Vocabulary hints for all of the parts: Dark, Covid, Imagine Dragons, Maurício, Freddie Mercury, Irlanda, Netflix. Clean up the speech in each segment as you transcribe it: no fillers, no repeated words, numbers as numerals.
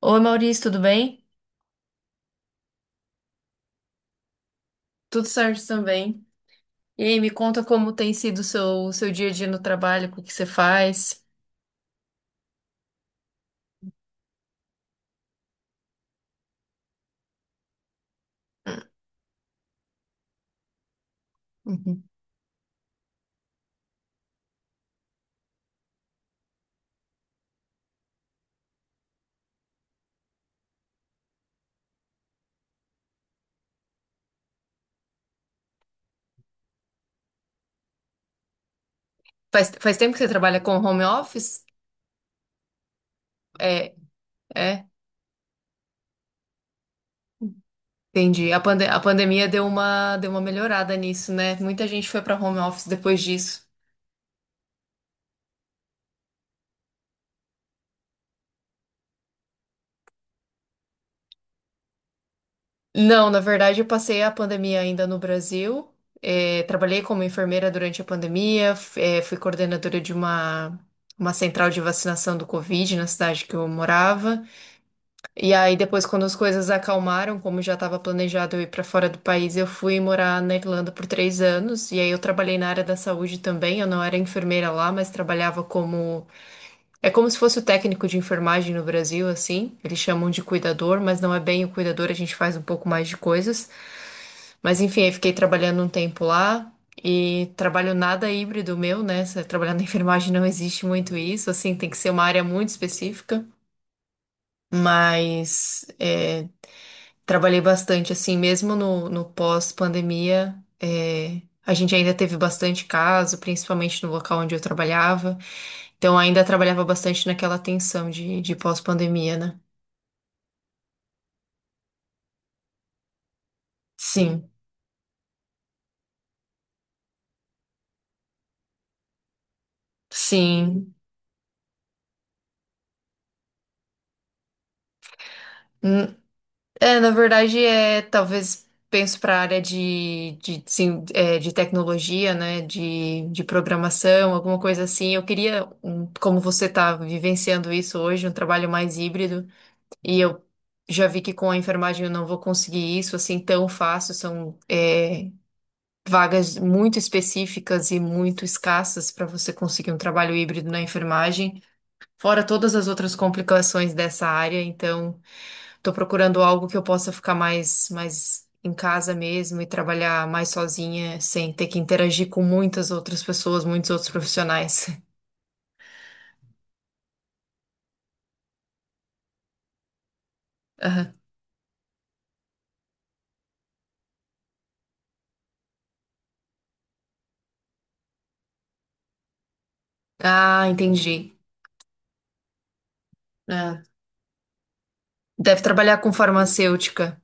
Oi, Maurício, tudo bem? Tudo certo também. E aí, me conta como tem sido o seu dia a dia no trabalho, o que você faz. Uhum. Faz tempo que você trabalha com home office? É, é, Entendi. A pandemia deu uma melhorada nisso, né? Muita gente foi para home office depois disso. Não, na verdade, eu passei a pandemia ainda no Brasil. É, trabalhei como enfermeira durante a pandemia, fui coordenadora de uma central de vacinação do Covid na cidade que eu morava. E aí depois, quando as coisas acalmaram, como já estava planejado eu ir para fora do país, eu fui morar na Irlanda por três anos. E aí eu trabalhei na área da saúde também. Eu não era enfermeira lá, mas trabalhava como. É como se fosse o técnico de enfermagem no Brasil, assim. Eles chamam de cuidador, mas não é bem o cuidador, a gente faz um pouco mais de coisas. Mas enfim, aí fiquei trabalhando um tempo lá. E trabalho nada híbrido meu, né? Trabalhar na enfermagem não existe muito isso, assim, tem que ser uma área muito específica. Mas é, trabalhei bastante, assim, mesmo no pós-pandemia, é, a gente ainda teve bastante caso, principalmente no local onde eu trabalhava. Então, ainda trabalhava bastante naquela tensão de pós-pandemia, né? Sim, sim. Hum, é, na verdade, é, talvez penso para a área sim, é, de tecnologia, né? De programação, alguma coisa assim. Eu queria, um, como você está vivenciando isso hoje, um trabalho mais híbrido. E eu já vi que com a enfermagem eu não vou conseguir isso assim tão fácil. São, é, vagas muito específicas e muito escassas para você conseguir um trabalho híbrido na enfermagem, fora todas as outras complicações dessa área. Então, estou procurando algo que eu possa ficar mais em casa mesmo e trabalhar mais sozinha, sem ter que interagir com muitas outras pessoas, muitos outros profissionais. Aham. Ah, entendi. É. Deve trabalhar com farmacêutica.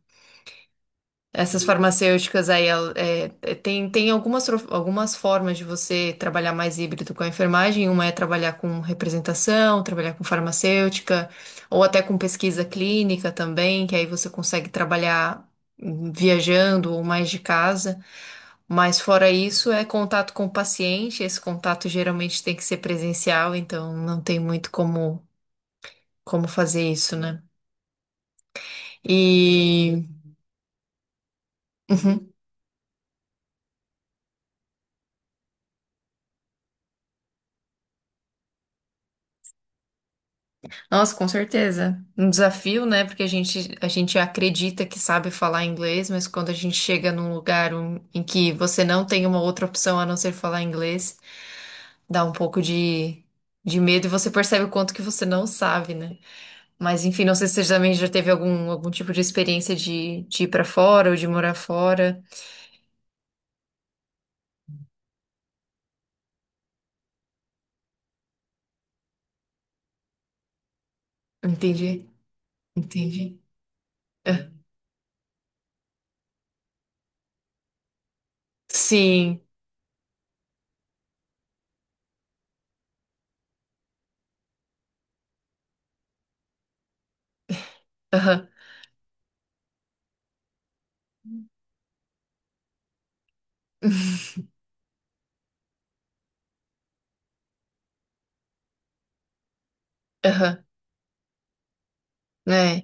Essas farmacêuticas aí, tem, tem algumas, algumas formas de você trabalhar mais híbrido com a enfermagem. Uma é trabalhar com representação, trabalhar com farmacêutica, ou até com pesquisa clínica também, que aí você consegue trabalhar viajando ou mais de casa. Mas fora isso, é contato com o paciente. Esse contato geralmente tem que ser presencial, então não tem muito como, como fazer isso, né? E. Uhum. Nossa, com certeza. Um desafio, né? Porque a gente acredita que sabe falar inglês, mas quando a gente chega num lugar em que você não tem uma outra opção a não ser falar inglês, dá um pouco de medo e você percebe o quanto que você não sabe, né? Mas enfim, não sei se você também já teve algum, algum tipo de experiência de ir pra fora ou de morar fora. Entendi, entendi. Ah, sim, aham, aham. É,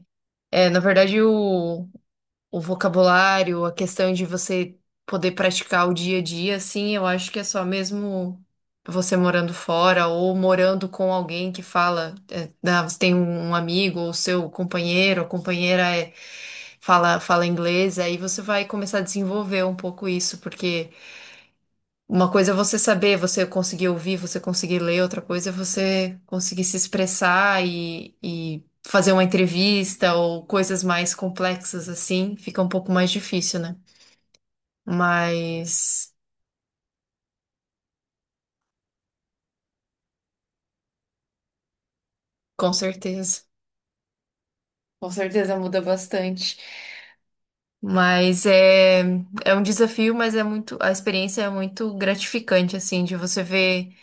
na verdade, o. O vocabulário, a questão de você poder praticar o dia a dia, assim, eu acho que é só mesmo você morando fora ou morando com alguém que fala, é, né, você tem um amigo ou seu companheiro, ou companheira é, fala inglês, aí você vai começar a desenvolver um pouco isso, porque uma coisa é você saber, você conseguir ouvir, você conseguir ler, outra coisa é você conseguir se expressar e fazer uma entrevista ou coisas mais complexas assim, fica um pouco mais difícil, né? Mas com certeza, com certeza muda bastante. Mas é, é um desafio, mas é muito, a experiência é muito gratificante, assim, de você ver.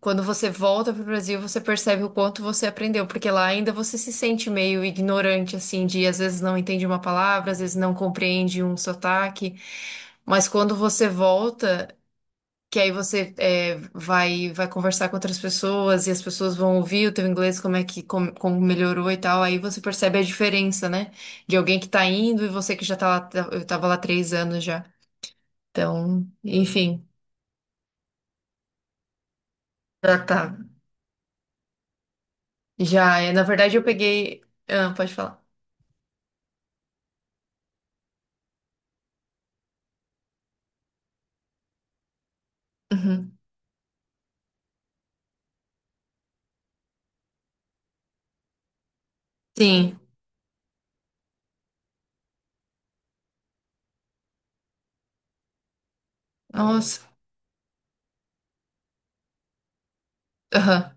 Quando você volta pro Brasil, você percebe o quanto você aprendeu, porque lá ainda você se sente meio ignorante, assim, de às vezes não entende uma palavra, às vezes não compreende um sotaque. Mas quando você volta, que aí você é, vai conversar com outras pessoas e as pessoas vão ouvir o teu inglês, como é que como, como melhorou e tal, aí você percebe a diferença, né? De alguém que tá indo e você que já tá lá, eu tava lá três anos já. Então, enfim, já tá. Já é, na verdade eu peguei. Ah, pode falar. Uhum. Sim. Nossa. Aham.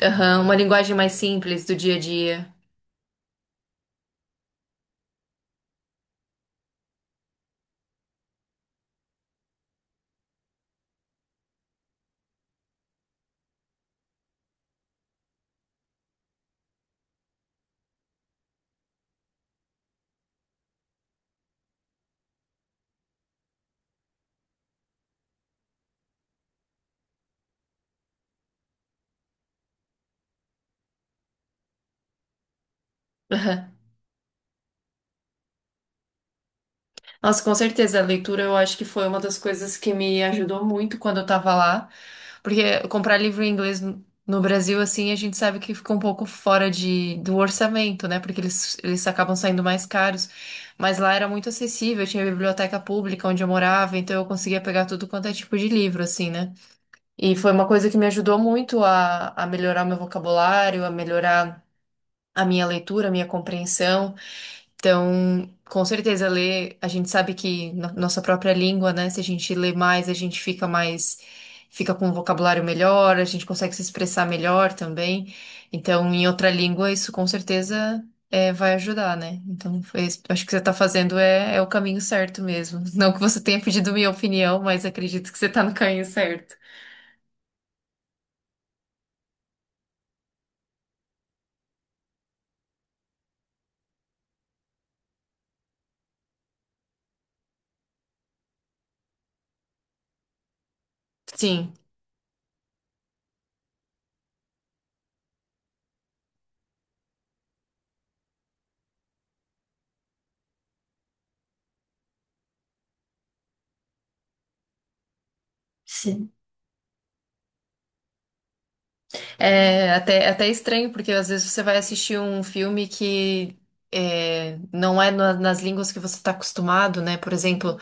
Aham. Uma linguagem mais simples do dia a dia. Aham. Nossa, com certeza. A leitura eu acho que foi uma das coisas que me ajudou muito quando eu tava lá. Porque comprar livro em inglês no Brasil, assim, a gente sabe que fica um pouco fora de, do orçamento, né? Porque eles acabam saindo mais caros. Mas lá era muito acessível, tinha biblioteca pública onde eu morava, então eu conseguia pegar tudo quanto é tipo de livro, assim, né? E foi uma coisa que me ajudou muito a melhorar meu vocabulário, a melhorar a minha leitura, a minha compreensão. Então, com certeza, ler, a gente sabe que nossa própria língua, né? Se a gente lê mais, a gente fica mais, fica com um vocabulário melhor, a gente consegue se expressar melhor também. Então, em outra língua, isso com certeza é, vai ajudar, né? Então, foi isso. Acho que você está fazendo é, é o caminho certo mesmo. Não que você tenha pedido minha opinião, mas acredito que você está no caminho certo. Sim. É até, até estranho, porque às vezes você vai assistir um filme que é, não é nas línguas que você está acostumado, né? Por exemplo,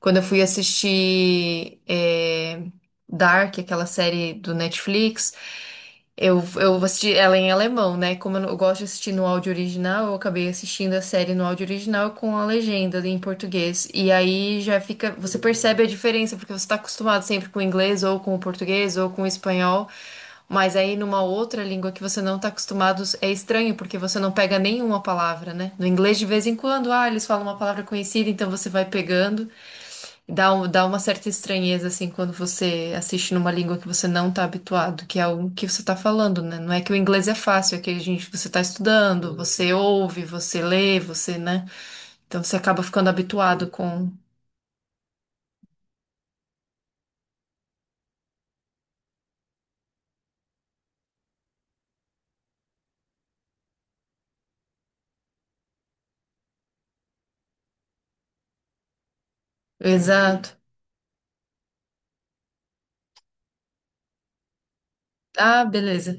quando eu fui assistir é, Dark, aquela série do Netflix. Eu assisti ela em alemão, né? Como eu, eu gosto de assistir no áudio original, eu acabei assistindo a série no áudio original com a legenda em português. E aí já fica. Você percebe a diferença, porque você tá acostumado sempre com o inglês, ou com o português, ou com o espanhol. Mas aí numa outra língua que você não tá acostumado, é estranho, porque você não pega nenhuma palavra, né? No inglês, de vez em quando, ah, eles falam uma palavra conhecida, então você vai pegando. Dá, dá uma certa estranheza, assim, quando você assiste numa língua que você não tá habituado, que é o que você tá falando, né? Não é que o inglês é fácil, é que a gente, você tá estudando, sim, você ouve, você lê, você, né? Então você acaba ficando habituado com. Exato. Ah, beleza.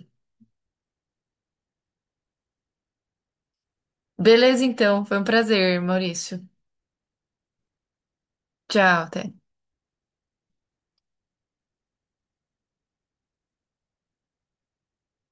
Beleza, então. Foi um prazer, Maurício. Tchau, até.